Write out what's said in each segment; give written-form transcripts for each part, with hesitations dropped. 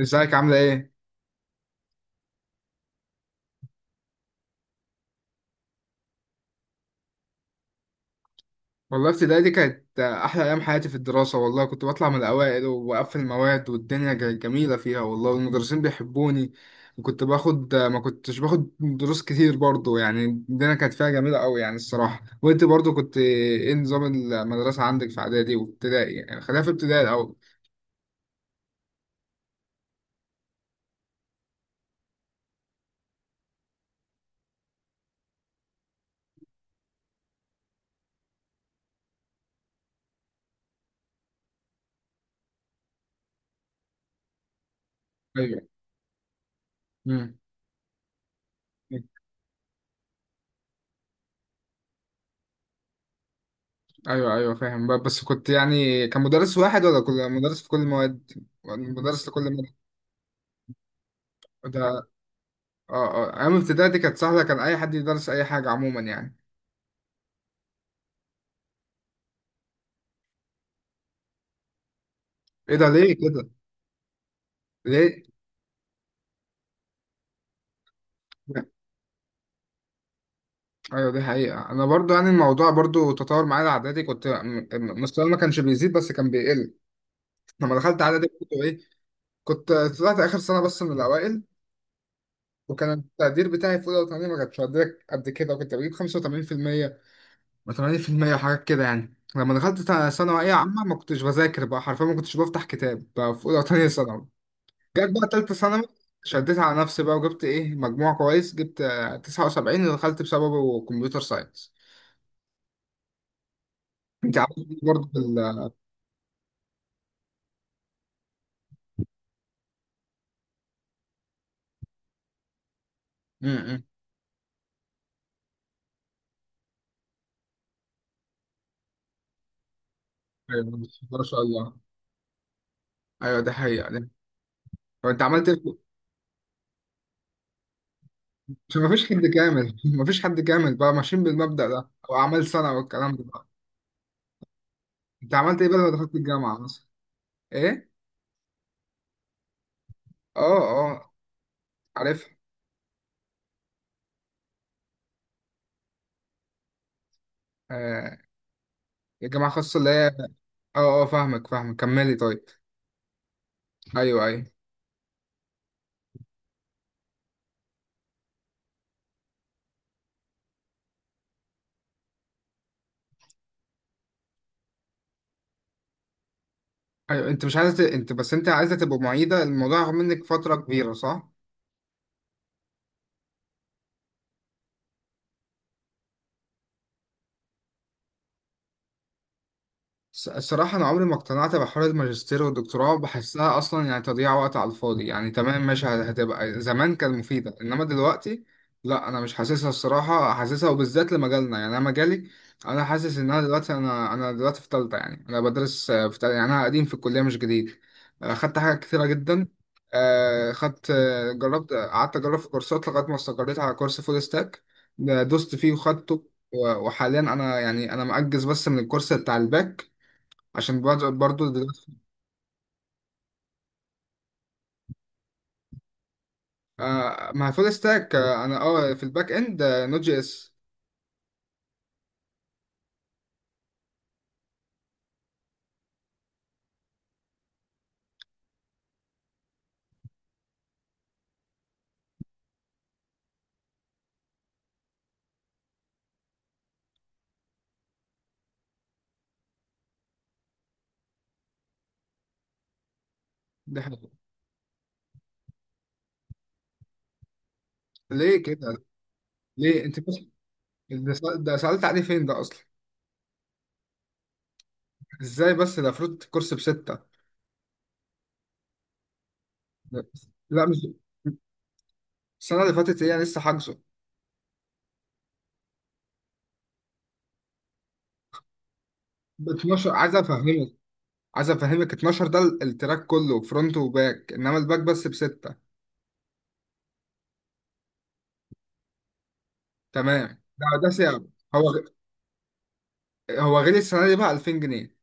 ازيك؟ عاملة ايه؟ والله ابتدائي دي كانت أحلى أيام حياتي في الدراسة. والله كنت بطلع من الأوائل وبقفل المواد والدنيا جميلة فيها والله، والمدرسين بيحبوني. وكنت باخد، ما كنتش باخد دروس كتير برضو، يعني، الدنيا كانت فيها جميلة أوي يعني، الصراحة. وأنت برضو كنت ايه نظام المدرسة عندك في إعدادي وابتدائي؟ يعني خلينا في ابتدائي الأول. أيوه. مم. أيوه، أيوه، فاهم. بس كنت يعني، كان مدرس واحد ولا كل مدرس في كل المواد؟ مدرس لكل مادة؟ اه اه. ايام ابتدائي دي كانت سهله، كان اي حد يدرس اي حاجه عموما يعني. ايه ده؟ ليه كده؟ ليه؟ ايوه، دي حقيقه. انا برضو يعني الموضوع برضو تطور معايا. اعدادي كنت مستواي ما كانش بيزيد بس كان بيقل. لما دخلت اعدادي كنت ايه، كنت طلعت اخر سنه بس من الاوائل. وكان التقدير بتاعي في اولى وثانيه ما كانش قد كده، وكنت بجيب 85% و80% وحاجات كده يعني. لما دخلت ثانويه عامه ما كنتش بذاكر بقى، حرفيا ما كنتش بفتح كتاب بقى في اولى وثانيه ثانوي. جت بقى تالتة ثانوي، شديت على نفسي بقى وجبت ايه مجموع كويس، جبت 79 ودخلت بسببه كمبيوتر ساينس. انت عملت ايه برضه بال... امم. أيوة، بسم الله ما شاء الله. ايوه دي حقيقة دي. طب انت عملت ايه؟ عشان مفيش حد كامل. مفيش حد كامل بقى، ماشيين بالمبدأ ده او اعمال سنة والكلام ده بقى. انت عملت ايه بقى لما دخلت الجامعة مثلا؟ ايه؟ اه اه، عارفها. آه، الجامعة الخاصة اللي هي... اه اه فاهمك، فاهمك، كملي طيب. ايوه ايوه. أيوة، انت مش انت بس انت عايزه تبقى معيده. الموضوع هياخد منك فتره كبيره صح؟ الصراحة أنا عمري ما اقتنعت بحوار الماجستير والدكتوراه، بحسها أصلا يعني تضييع وقت على الفاضي يعني. تمام ماشي، هتبقى زمان كانت مفيدة إنما دلوقتي لا، أنا مش حاسسها الصراحة، حاسسها وبالذات لمجالنا، يعني أنا مجالي، أنا حاسس إن أنا دلوقتي، أنا دلوقتي في تالتة يعني. أنا بدرس في تالتة يعني، أنا قديم في الكلية مش جديد. خدت حاجات كتيرة جدا. خدت، جربت، قعدت أجرب في كورسات لغاية ما استقريت على كورس فول ستاك، دوست فيه وخدته. وحاليا أنا يعني أنا مأجز بس من الكورس بتاع الباك، عشان برضه دلوقتي... آه، مع فول ستاك. آه انا اه في الباك اند، نوت جي اس. دي حاجه. ليه كده؟ ليه انت بس؟ ده سألت عليه فين ده اصلا؟ ازاي بس؟ ده فروت، كورس بستة. لا مش... السنه اللي فاتت هي لسه حاجزه. ب 12، عايز افهمك، عايز افهمك. 12 ده التراك كله فرونت وباك، انما الباك بس بستة. تمام. ده ده سعر. هو غ- هو غالي السنه دي بقى، 2000 جنيه.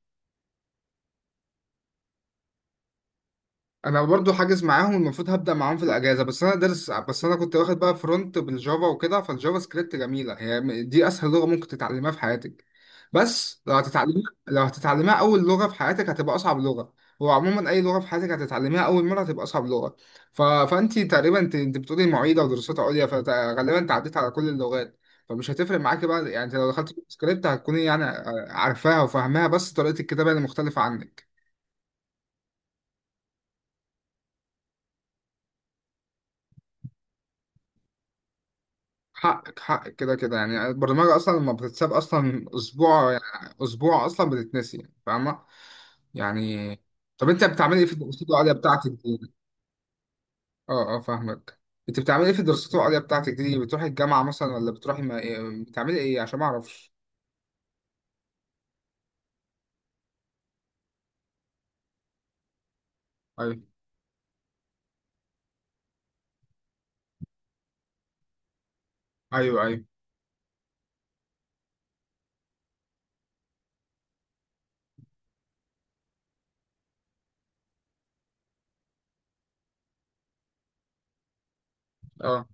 انا برضو حاجز معاهم، المفروض هبدا معاهم في الاجازه، بس انا دارس. بس انا كنت واخد بقى فرونت بالجافا وكده، فالجافا سكريبت جميله هي، دي اسهل لغه ممكن تتعلمها في حياتك. بس لو هتتعلمها، لو هتتعلمها اول لغه في حياتك هتبقى اصعب لغه. وعموما اي لغه في حياتك هتتعلمها اول مره هتبقى اصعب لغه. فانت تقريبا انت بتقولي معيده ودراسات عليا، فغالبا انت عديت على كل اللغات، فمش هتفرق معاكي بقى يعني. انت لو دخلت سكريبت هتكوني يعني عارفاها وفاهماها، بس طريقه الكتابه اللي مختلفه عنك. حقك حقك كده كده يعني. البرمجة أصلا لما بتتساب أصلا أسبوع، يعني أسبوع أصلا بتتنسي يعني، فاهمة؟ يعني، طب أنت بتعملي إيه في الدراسات العليا بتاعتك دي؟ أه أه فاهمك. أنت بتعملي إيه في الدراسات العليا بتاعتك دي؟ بتروحي الجامعة مثلا ولا بتروحي ما... بتعملي إيه عشان ما أعرفش؟ أيوه. أيوه أيوه. أه.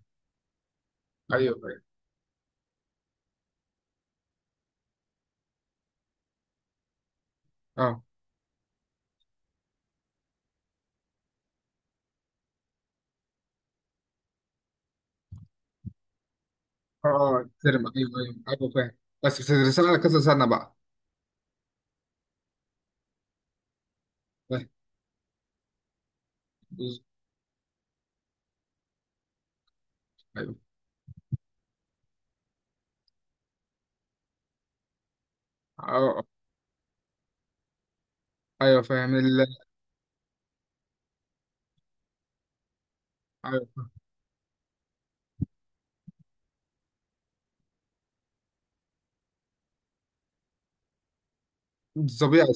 أيوه أيوه. أه أه. ترم، أيوه. أيوه أيوه فاهم. بس بتدرسي على كذا سنة بقى؟ فاهم. أيوه. أه، أيوه فاهم ال... أيوه، طبيعي.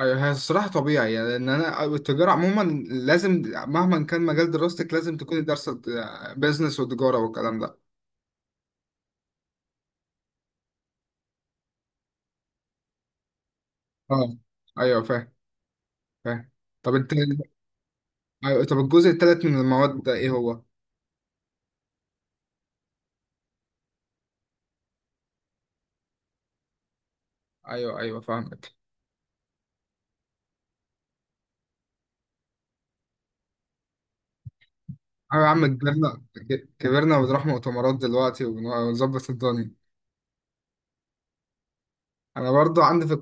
ايوه هي الصراحه طبيعي يعني، لان انا التجاره عموما لازم، مهما كان مجال دراستك لازم تكون دارسه بيزنس وتجاره والكلام ده. اه ايوه فاهم فاهم. طب انت... أيوة طب الجزء الثالث من المواد ده ايه هو؟ ايوه ايوه فاهمك. ايوه يا عم كبرنا. كبرنا وبنروح مؤتمرات دلوقتي ونظبط الدنيا. انا برضو عندي في...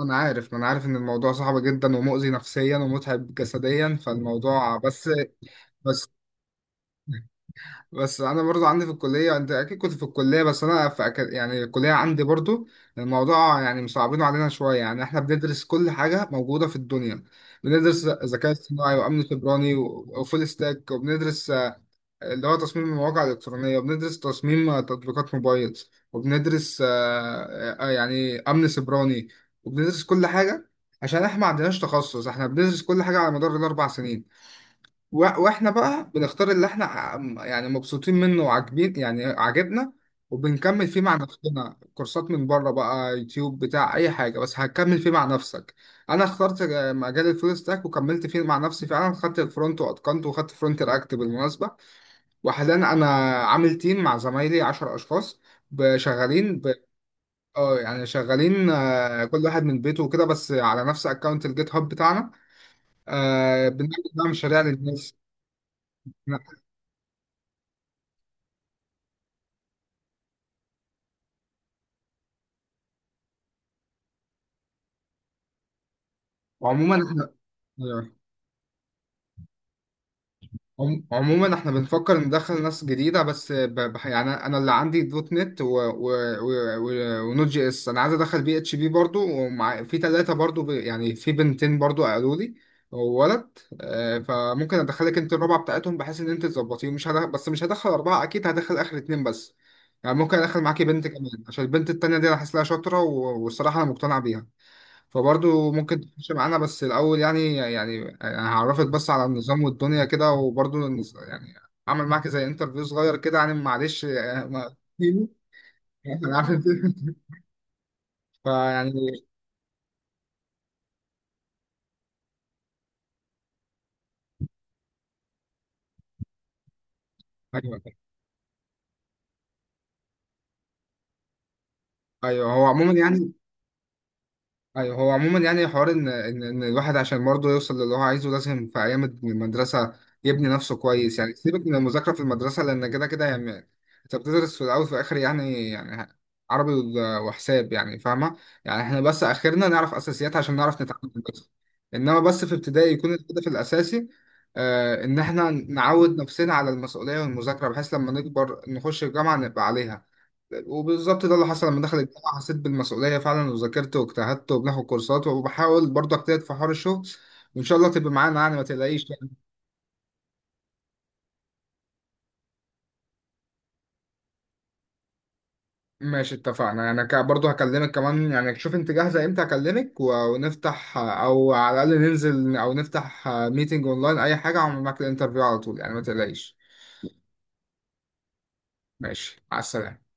انا عارف، ما انا عارف ان الموضوع صعب جدا ومؤذي نفسيا ومتعب جسديا فالموضوع، بس... بس. بس انا برضو عندي في الكليه، انت اكيد كنت في الكليه، بس انا في يعني الكليه عندي برضو الموضوع يعني مصعبينه علينا شويه يعني. احنا بندرس كل حاجه موجوده في الدنيا، بندرس ذكاء اصطناعي وامن سيبراني وفول ستاك، وبندرس اللي هو تصميم المواقع الالكترونيه، وبندرس تصميم تطبيقات موبايل، وبندرس يعني امن سيبراني، وبندرس كل حاجه، عشان احنا ما عندناش تخصص، احنا بندرس كل حاجه على مدار الاربع سنين. واحنا بقى بنختار اللي احنا يعني مبسوطين منه وعاجبين، يعني عاجبنا، وبنكمل فيه مع نفسنا كورسات من بره بقى، يوتيوب بتاع اي حاجه بس هتكمل فيه مع نفسك. انا اخترت مجال الفول ستاك، وكملت فيه مع نفسي فعلا، خدت الفرونت واتقنته، وخدت فرونت رياكت بالمناسبه. وحاليا انا عامل تيم مع زمايلي 10 اشخاص، شغالين ب... اه يعني شغالين، كل واحد من بيته وكده، بس على نفس اكونت الجيت هاب بتاعنا. بنعمل بقى مشاريع للناس وعموما. أيوة. عموما احنا بنفكر ندخل ناس جديدة، بس ب... يعني انا اللي عندي دوت نت و... و... و... و... ونوت جي اس. انا عايز ادخل بي اتش بي برضو، ومع، في ثلاثة برضو ب... يعني في بنتين برضو قالوا لي، وولد. فممكن ادخلك انت الرابعة بتاعتهم بحيث ان انت تظبطيهم. مش هدخل... بس مش هدخل اربعة اكيد، هدخل اخر اتنين بس يعني. ممكن ادخل معاكي بنت كمان، عشان البنت التانية دي انا حاسس لها شاطرة، و... والصراحة انا مقتنع بيها. فبرضه ممكن تخش معانا، بس الأول يعني يعني أنا هعرفك بس على النظام والدنيا كده، وبرضه يعني أعمل معاك زي انترفيو صغير كده يعني، معلش أنا عارف أنت. فيعني... أيوه. أيوه أيوه. هو عموما يعني... ايوه هو عموما يعني حوار ان ان الواحد عشان برضه يوصل للي هو عايزه، لازم في ايام المدرسه يبني نفسه كويس. يعني سيبك من المذاكره في المدرسه، لان كده كده يعني انت بتدرس في الاول وفي الاخر يعني يعني عربي وحساب يعني، فاهمه؟ يعني احنا بس اخرنا نعرف اساسيات عشان نعرف نتعامل بس. انما بس في ابتدائي يكون الهدف الاساسي آه ان احنا نعود نفسنا على المسؤوليه والمذاكره، بحيث لما نكبر نخش الجامعه نبقى عليها. وبالظبط ده اللي حصل، لما دخل الجامعة حسيت بالمسؤولية فعلا، وذاكرت واجتهدت، وبناخد كورسات، وبحاول برضه اجتهد في حوار الشغل. وإن شاء الله تبقى معانا يعني، ما تقلقيش يعني. ماشي اتفقنا. أنا برضه هكلمك كمان يعني، شوف أنت جاهزة إمتى هكلمك، ونفتح، أو على الأقل ننزل أو نفتح ميتنج أونلاين أي حاجة، أعمل معاك الانترفيو على طول يعني، ما تقلقيش. ماشي على السلامة.